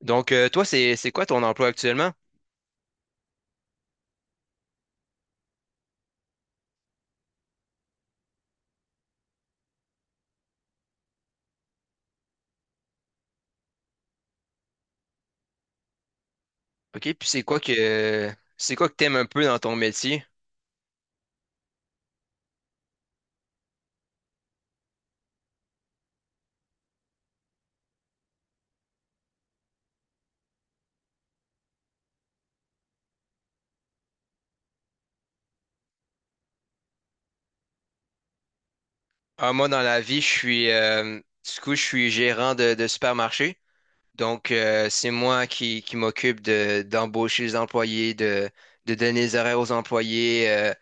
Toi, c'est quoi ton emploi actuellement? OK, puis c'est quoi que t'aimes un peu dans ton métier? Ah, moi, dans la vie, je suis gérant de supermarché. C'est moi qui m'occupe de d'embaucher les employés, de donner les horaires aux employés,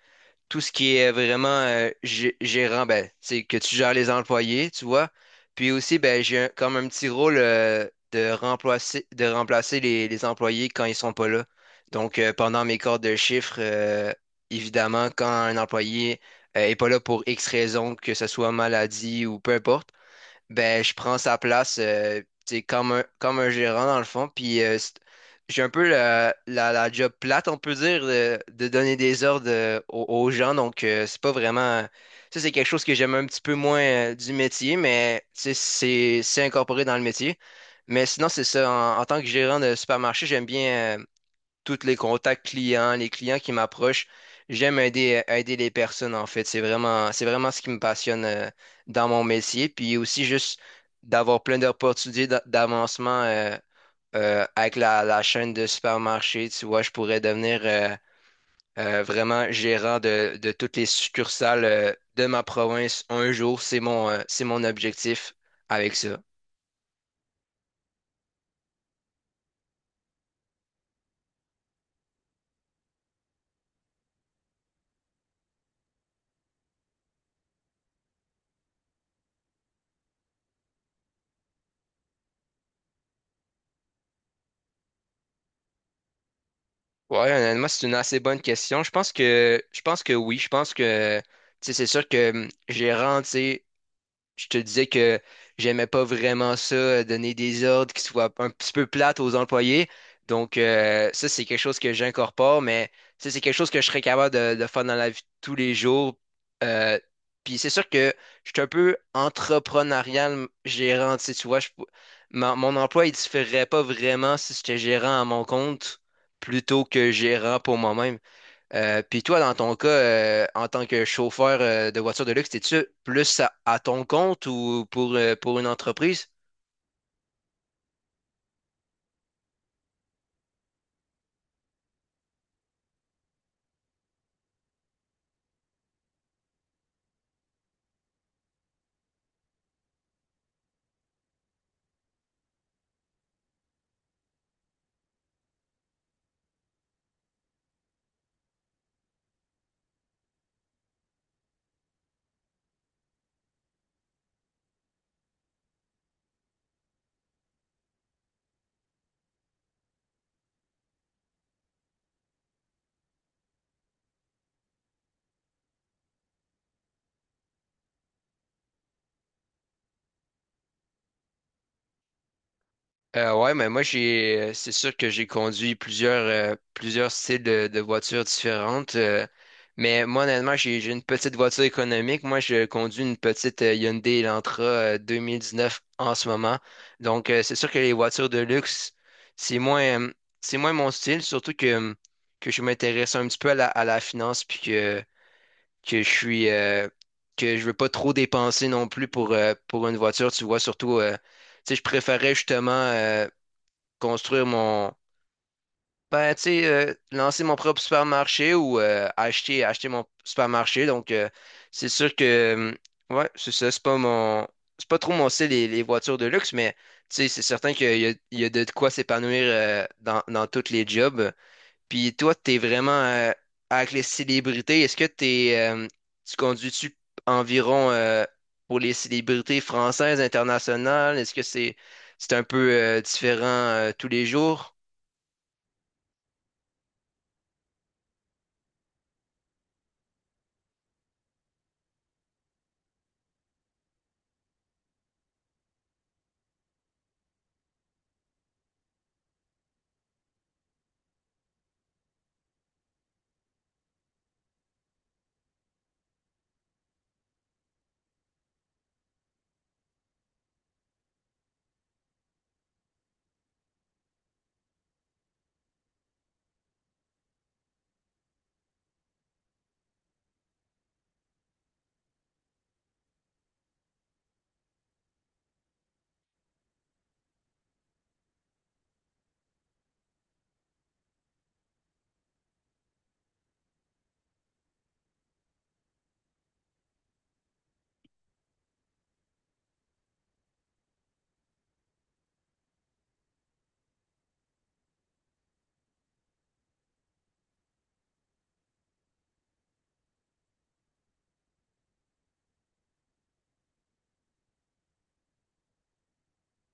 tout ce qui est vraiment gérant, ben, c'est que tu gères les employés, tu vois. Puis aussi, ben, comme un petit rôle de remplacer les employés quand ils sont pas là. Pendant mes corps de chiffre, évidemment, quand un employé est pas là pour X raison, que ce soit maladie ou peu importe, ben je prends sa place tu sais, comme un gérant dans le fond puis j'ai un peu la job plate on peut dire de donner des ordres aux gens donc c'est pas vraiment ça, c'est quelque chose que j'aime un petit peu moins du métier, mais tu sais, c'est incorporé dans le métier, mais sinon c'est ça en, en tant que gérant de supermarché, j'aime bien tous les contacts clients, les clients qui m'approchent. J'aime aider, aider les personnes, en fait. C'est vraiment ce qui me passionne dans mon métier. Puis aussi juste d'avoir plein d'avancement avec la chaîne de supermarché. Tu vois, je pourrais devenir vraiment gérant de toutes les succursales de ma province un jour. C'est mon objectif avec ça. Ouais, honnêtement, c'est une assez bonne question. Je pense que oui. Je pense que tu sais, c'est sûr que gérant, tu sais, je te disais que j'aimais pas vraiment ça, donner des ordres qui soient un petit peu plates aux employés. Ça, c'est quelque chose que j'incorpore, mais ça, c'est quelque chose que je serais capable de faire dans la vie de tous les jours. Euh, puis c'est sûr que je suis un peu entrepreneurial gérant, tu sais, tu vois, mon emploi, il différerait pas vraiment si j'étais gérant à mon compte plutôt que gérant pour moi-même. Puis toi, dans ton cas, en tant que chauffeur de voiture de luxe, t'es-tu plus à ton compte ou pour une entreprise? Ouais, mais moi j'ai c'est sûr que j'ai conduit plusieurs plusieurs styles de voitures différentes. Mais moi honnêtement, j'ai une petite voiture économique. Moi, je conduis une petite Hyundai Elantra 2019 en ce moment. Donc c'est sûr que les voitures de luxe, c'est moins euh, c'est moins mon style, surtout que je m'intéresse un petit peu à la finance puis que je suis euh, que je veux pas trop dépenser non plus pour une voiture, tu vois, surtout tu sais, je préférais justement construire mon. Ben, tu sais, lancer mon propre supermarché ou acheter, acheter mon supermarché. Donc c'est sûr que. euh, Ouais, c'est ça. C'est pas mon. C'est pas trop mon style, les voitures de luxe, mais, tu sais, c'est certain qu'il y a, il y a de quoi s'épanouir dans, dans tous les jobs. Puis toi, t'es vraiment avec les célébrités. Est-ce que t'es. Tu conduis-tu environ pour les célébrités françaises, internationales? Est-ce que c'est un peu différent tous les jours?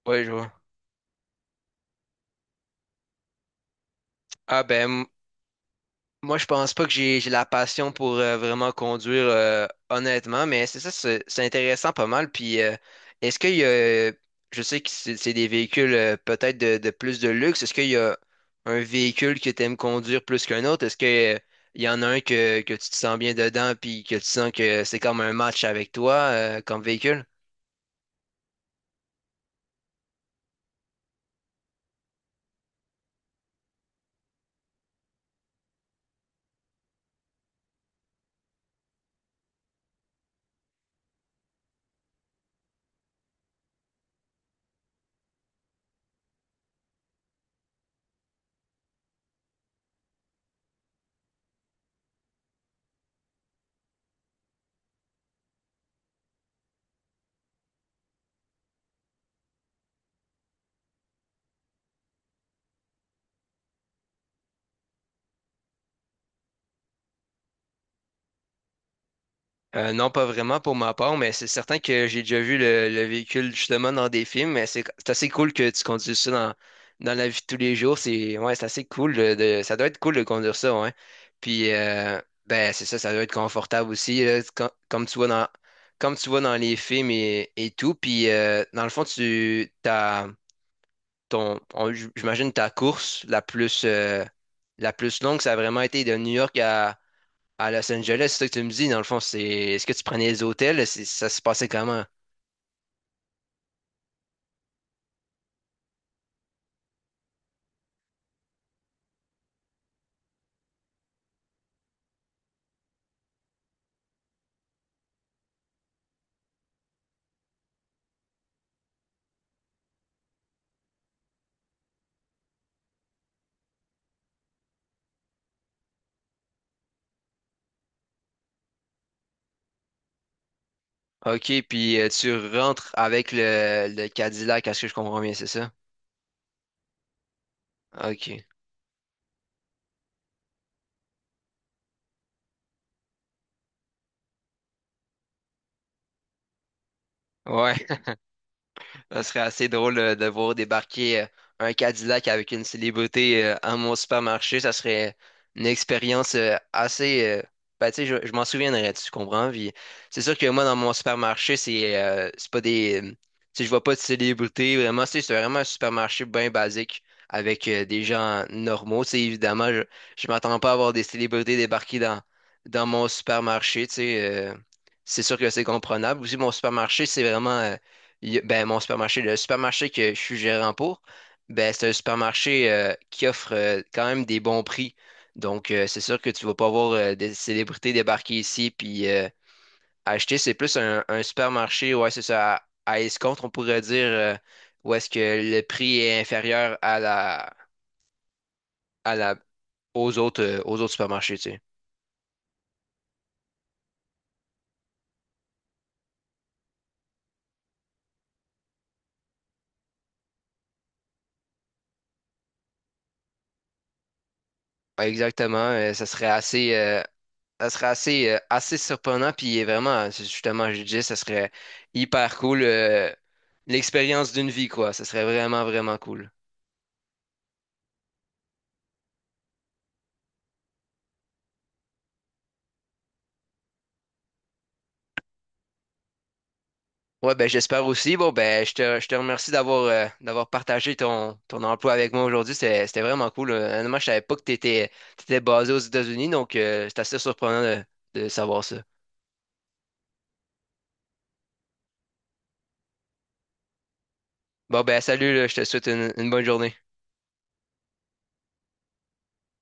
Ouais, je vois. Ah ben, m- moi je pense pas que j'ai la passion pour vraiment conduire honnêtement, mais c'est ça, c'est intéressant pas mal. Puis Est-ce qu'il y a, je sais que c'est des véhicules peut-être de plus de luxe, est-ce qu'il y a un véhicule que t'aimes conduire plus qu'un autre? Est-ce que Il y en a un que tu te sens bien dedans puis que tu sens que c'est comme un match avec toi comme véhicule? Non, pas vraiment pour ma part, mais c'est certain que j'ai déjà vu le véhicule justement dans des films, mais c'est assez cool que tu conduises ça dans, dans la vie de tous les jours. C'est ouais, c'est assez cool ça doit être cool de conduire ça, ouais. Puis Ben c'est ça, ça doit être confortable aussi, là, comme tu vois dans les films et tout. Puis dans le fond, tu t'as ton j'imagine ta course la plus longue, ça a vraiment été de New York à Los Angeles, c'est ça que tu me dis, dans le fond, c'est est-ce que tu prenais les hôtels? C'est- Ça se passait comment? OK, puis tu rentres avec le Cadillac, à ce que je comprends bien, c'est ça? OK. Ouais. Ça serait assez drôle de voir débarquer un Cadillac avec une célébrité à mon supermarché. Ça serait une expérience assez. Ben, tu sais, je m'en souviendrai, tu comprends? Puis, c'est sûr que moi, dans mon supermarché, c'est pas des. Tu sais, je vois pas de célébrité. Vraiment, tu sais, c'est vraiment un supermarché bien basique avec des gens normaux. Tu sais, évidemment, je m'attends pas à voir des célébrités débarquer dans, dans mon supermarché. C'est sûr que c'est comprenable. Aussi, mon supermarché, c'est vraiment. Ben, mon supermarché, le supermarché que je suis gérant pour, ben, c'est un supermarché qui offre quand même des bons prix. Donc c'est sûr que tu vas pas voir des célébrités débarquer ici puis acheter. C'est plus un supermarché, ouais, c'est ça, à escompte, on pourrait dire, où est-ce que le prix est inférieur à la, aux autres supermarchés, tu sais. Ouais, exactement, ça serait assez, ça serait assez, assez surprenant, puis vraiment, c'est justement, je disais ça serait hyper cool. L'expérience d'une vie, quoi. Ça serait vraiment, vraiment cool. Ouais, ben j'espère aussi. Bon, ben je te remercie d'avoir d'avoir partagé ton, ton emploi avec moi aujourd'hui. C'était, c'était vraiment cool. Honnêtement, je savais pas que t'étais, t'étais basé aux États-Unis, donc c'est assez surprenant de savoir ça. Bon, ben salut, là, je te souhaite une bonne journée.